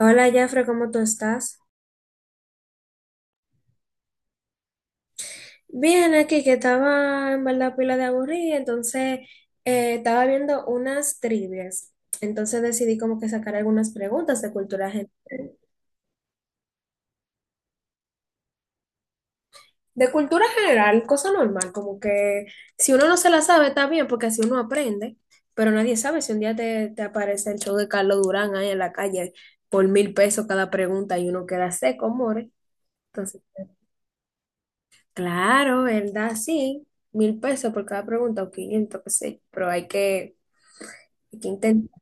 Hola, Jafre, ¿cómo tú estás? Bien, aquí que estaba en verdad pila de aburrida, entonces estaba viendo unas trivias. Entonces decidí como que sacar algunas preguntas de cultura general. De cultura general, cosa normal, como que si uno no se la sabe está bien, porque así uno aprende, pero nadie sabe si un día te aparece el show de Carlos Durán ahí en la calle por mil pesos cada pregunta y uno queda seco, more. Entonces. Claro, ¿verdad? Sí, mil pesos por cada pregunta o 500 qué sé, pero hay que intentar.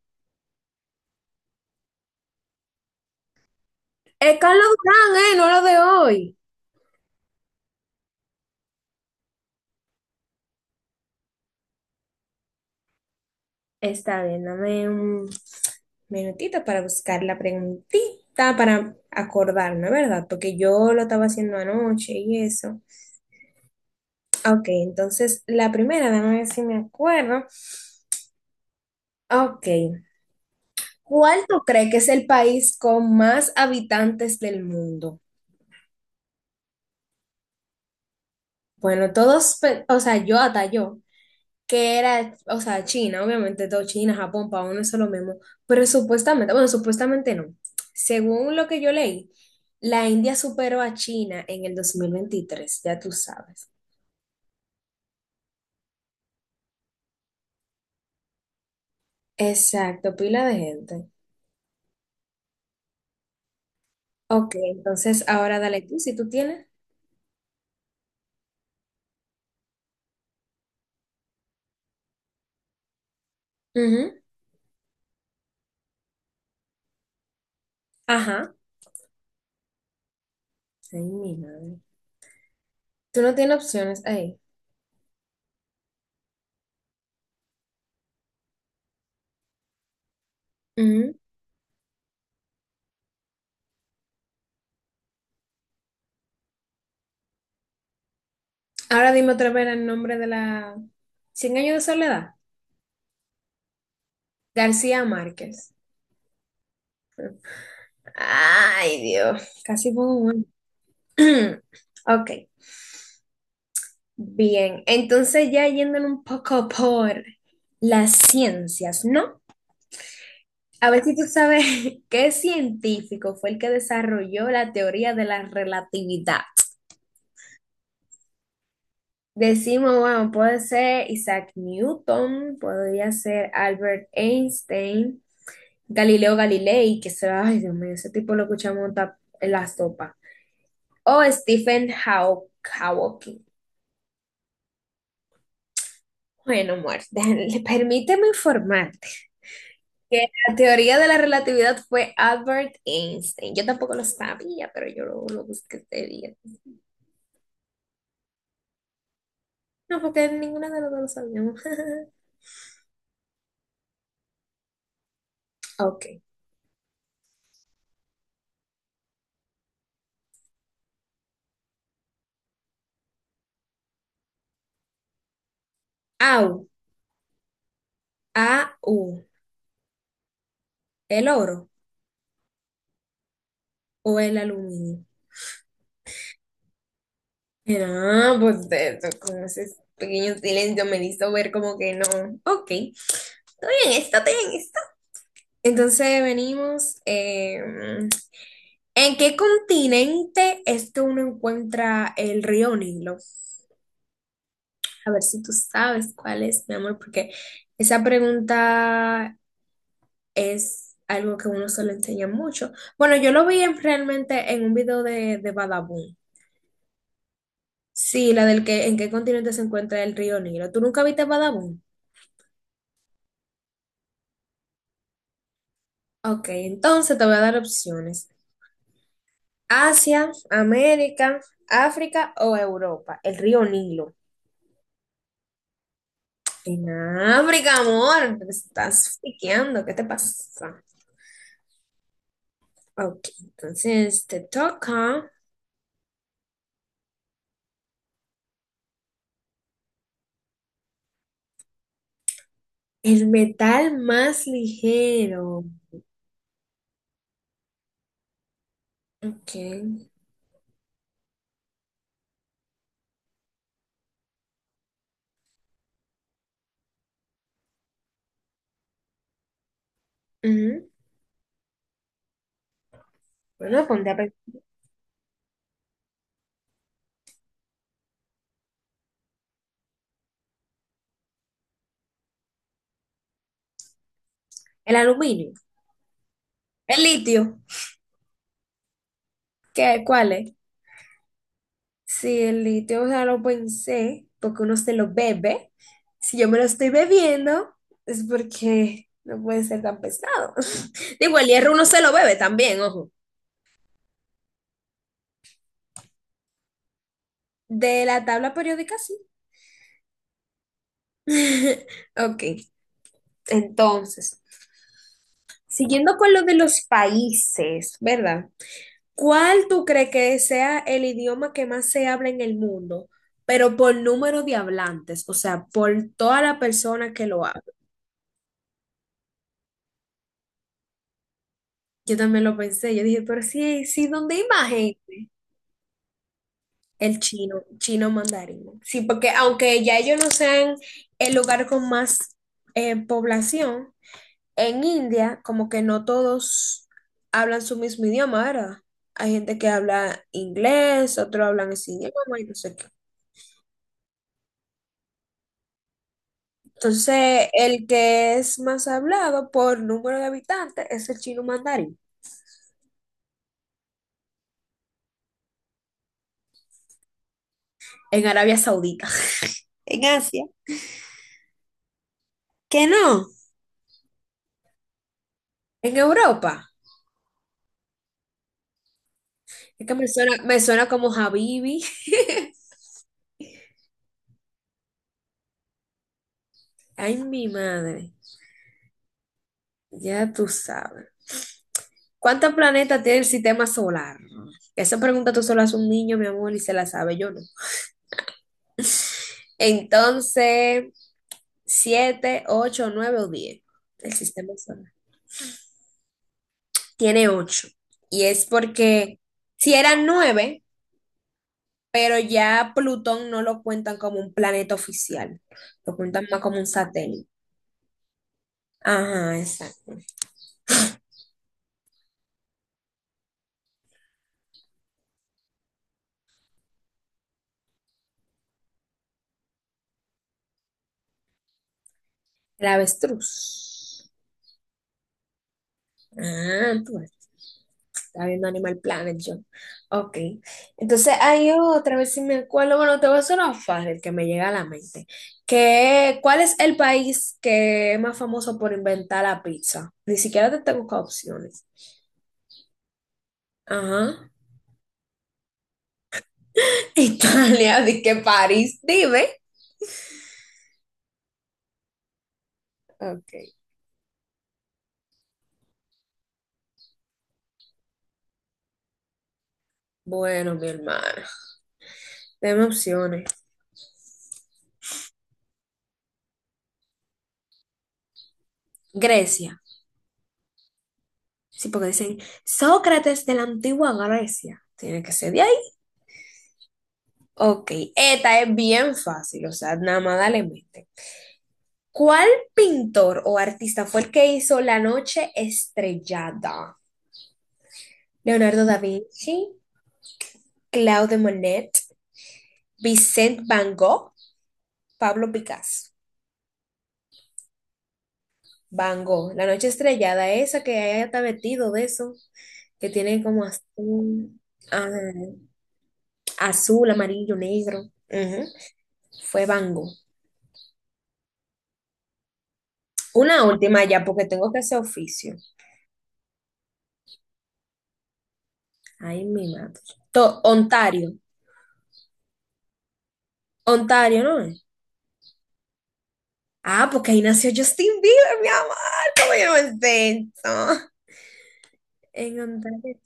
Es Carlos Durán, ¿eh? No lo de hoy. Está bien, dame un minutito para buscar la preguntita, para acordarme, ¿verdad? Porque yo lo estaba haciendo anoche y eso. Ok, entonces la primera, déjame ver si me acuerdo. Ok, ¿cuál tú crees que es el país con más habitantes del mundo? Bueno, todos, o sea, yo hasta yo. Que era, o sea, China, obviamente todo China, Japón, para uno es lo mismo, pero supuestamente, bueno, supuestamente no. Según lo que yo leí, la India superó a China en el 2023, ya tú sabes. Exacto, pila de gente. Ok, entonces ahora dale tú, si tú tienes. Ujú. Ajá. Ay, mi madre. Tú no tienes opciones ahí. Ujú. Ahora dime otra vez el nombre de la... Cien años de soledad. García Márquez. Ay, Dios. Casi pongo uno. Ok, bien. Entonces ya yéndole un poco por las ciencias, ¿no? A ver si tú sabes qué científico fue el que desarrolló la teoría de la relatividad. Decimos, bueno, puede ser Isaac Newton, podría ser Albert Einstein, Galileo Galilei, ay Dios mío, ese tipo lo escuchamos en la sopa, o Stephen Hawking. Bueno, Muerte, permíteme informarte que la teoría de la relatividad fue Albert Einstein. Yo tampoco lo sabía, pero yo lo busqué este día. No, porque ninguna de las dos lo sabíamos. Ok. AU. AU. ¿El oro o el aluminio? No, pues con ese pequeño silencio me hizo ver como que no. Ok. Estoy en esta. Entonces venimos. ¿En qué continente es que uno encuentra el río Nilo? A ver si tú sabes cuál es, mi amor, porque esa pregunta es algo que uno se lo enseña mucho. Bueno, yo realmente en un video de Badabun. Sí, la del que en qué continente se encuentra el río Nilo. ¿Tú nunca viste Badabun? Ok, entonces te voy a dar opciones. Asia, América, África o Europa. El río Nilo. En África, amor, te estás fiqueando, ¿qué te pasa? Ok, entonces te toca. El metal más ligero. Ok. Ujú. Bueno, ponte a pensar. El aluminio. El litio. ¿Qué? ¿Cuál es? Sí, el litio, o sea, lo pensé porque uno se lo bebe. Si yo me lo estoy bebiendo, es porque no puede ser tan pesado. Digo, el hierro uno se lo bebe también, ojo. De la tabla periódica, sí. Ok, entonces, siguiendo con lo de los países, ¿verdad? ¿Cuál tú crees que sea el idioma que más se habla en el mundo? Pero por número de hablantes, o sea, por toda la persona que lo habla. Yo también lo pensé, yo dije, pero sí, sí, ¿dónde hay más gente? El chino, chino mandarín. Sí, porque aunque ya ellos no sean el lugar con más población, en India como que no todos hablan su mismo idioma, ¿verdad? Hay gente que habla inglés, otros hablan ese idioma y no sé qué. Entonces, el que es más hablado por número de habitantes es el chino mandarín en Arabia Saudita. En Asia. ¿Que no? ¿En Europa? Es que me suena como Habibi. Ay, mi madre. Ya tú sabes. ¿Cuántos planetas tiene el sistema solar? Esa pregunta tú solo haces a un niño, mi amor, y se la sabe yo no. Entonces, ¿siete, ocho, nueve o diez? El sistema solar. Tiene ocho. Y es porque si eran nueve, pero ya Plutón no lo cuentan como un planeta oficial, lo cuentan más como un satélite. Ajá, exacto. El avestruz. Ah, pues, está viendo Animal Planet yo. Ok. Entonces hay otra vez si me acuerdo, bueno, te voy a hacer una fácil que me llega a la mente. Que, ¿cuál es el país que es más famoso por inventar la pizza? Ni siquiera te tengo que opciones. Ajá. Italia, di que París, dime. Ok. Bueno, mi hermano. Deme opciones. Grecia. Sí, porque dicen Sócrates de la antigua Grecia. Tiene que ser de ahí. Ok, esta es bien fácil, o sea, nada más dale mente. ¿Cuál pintor o artista fue el que hizo La Noche Estrellada? Leonardo da Vinci, Claude Monet, Vicente Van Gogh, Pablo Picasso. Van Gogh, La Noche Estrellada, esa que ella está vestido de eso, que tiene como azul, ah, azul, amarillo, negro. Ujú. Fue Bango. Una última ya, porque tengo que hacer oficio. Ay, mi madre. Ontario. Ontario, ¿no es? Ah, porque ahí nació Justin Bieber, mi amor. ¿Cómo yo no sé eso? En Ontario.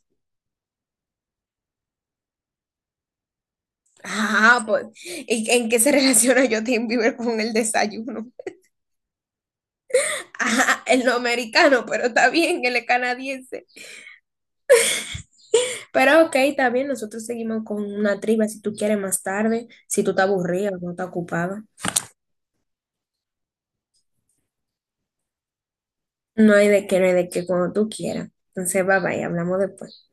Ah, pues. ¿Y en qué se relaciona Justin Bieber con el desayuno? Ajá, él no es americano, pero está bien, él es canadiense. Pero ok, está bien, nosotros seguimos con una triba si tú quieres más tarde, si tú estás aburrida o no estás ocupada. No hay de qué, no hay de qué, cuando tú quieras. Entonces, bye bye, hablamos después.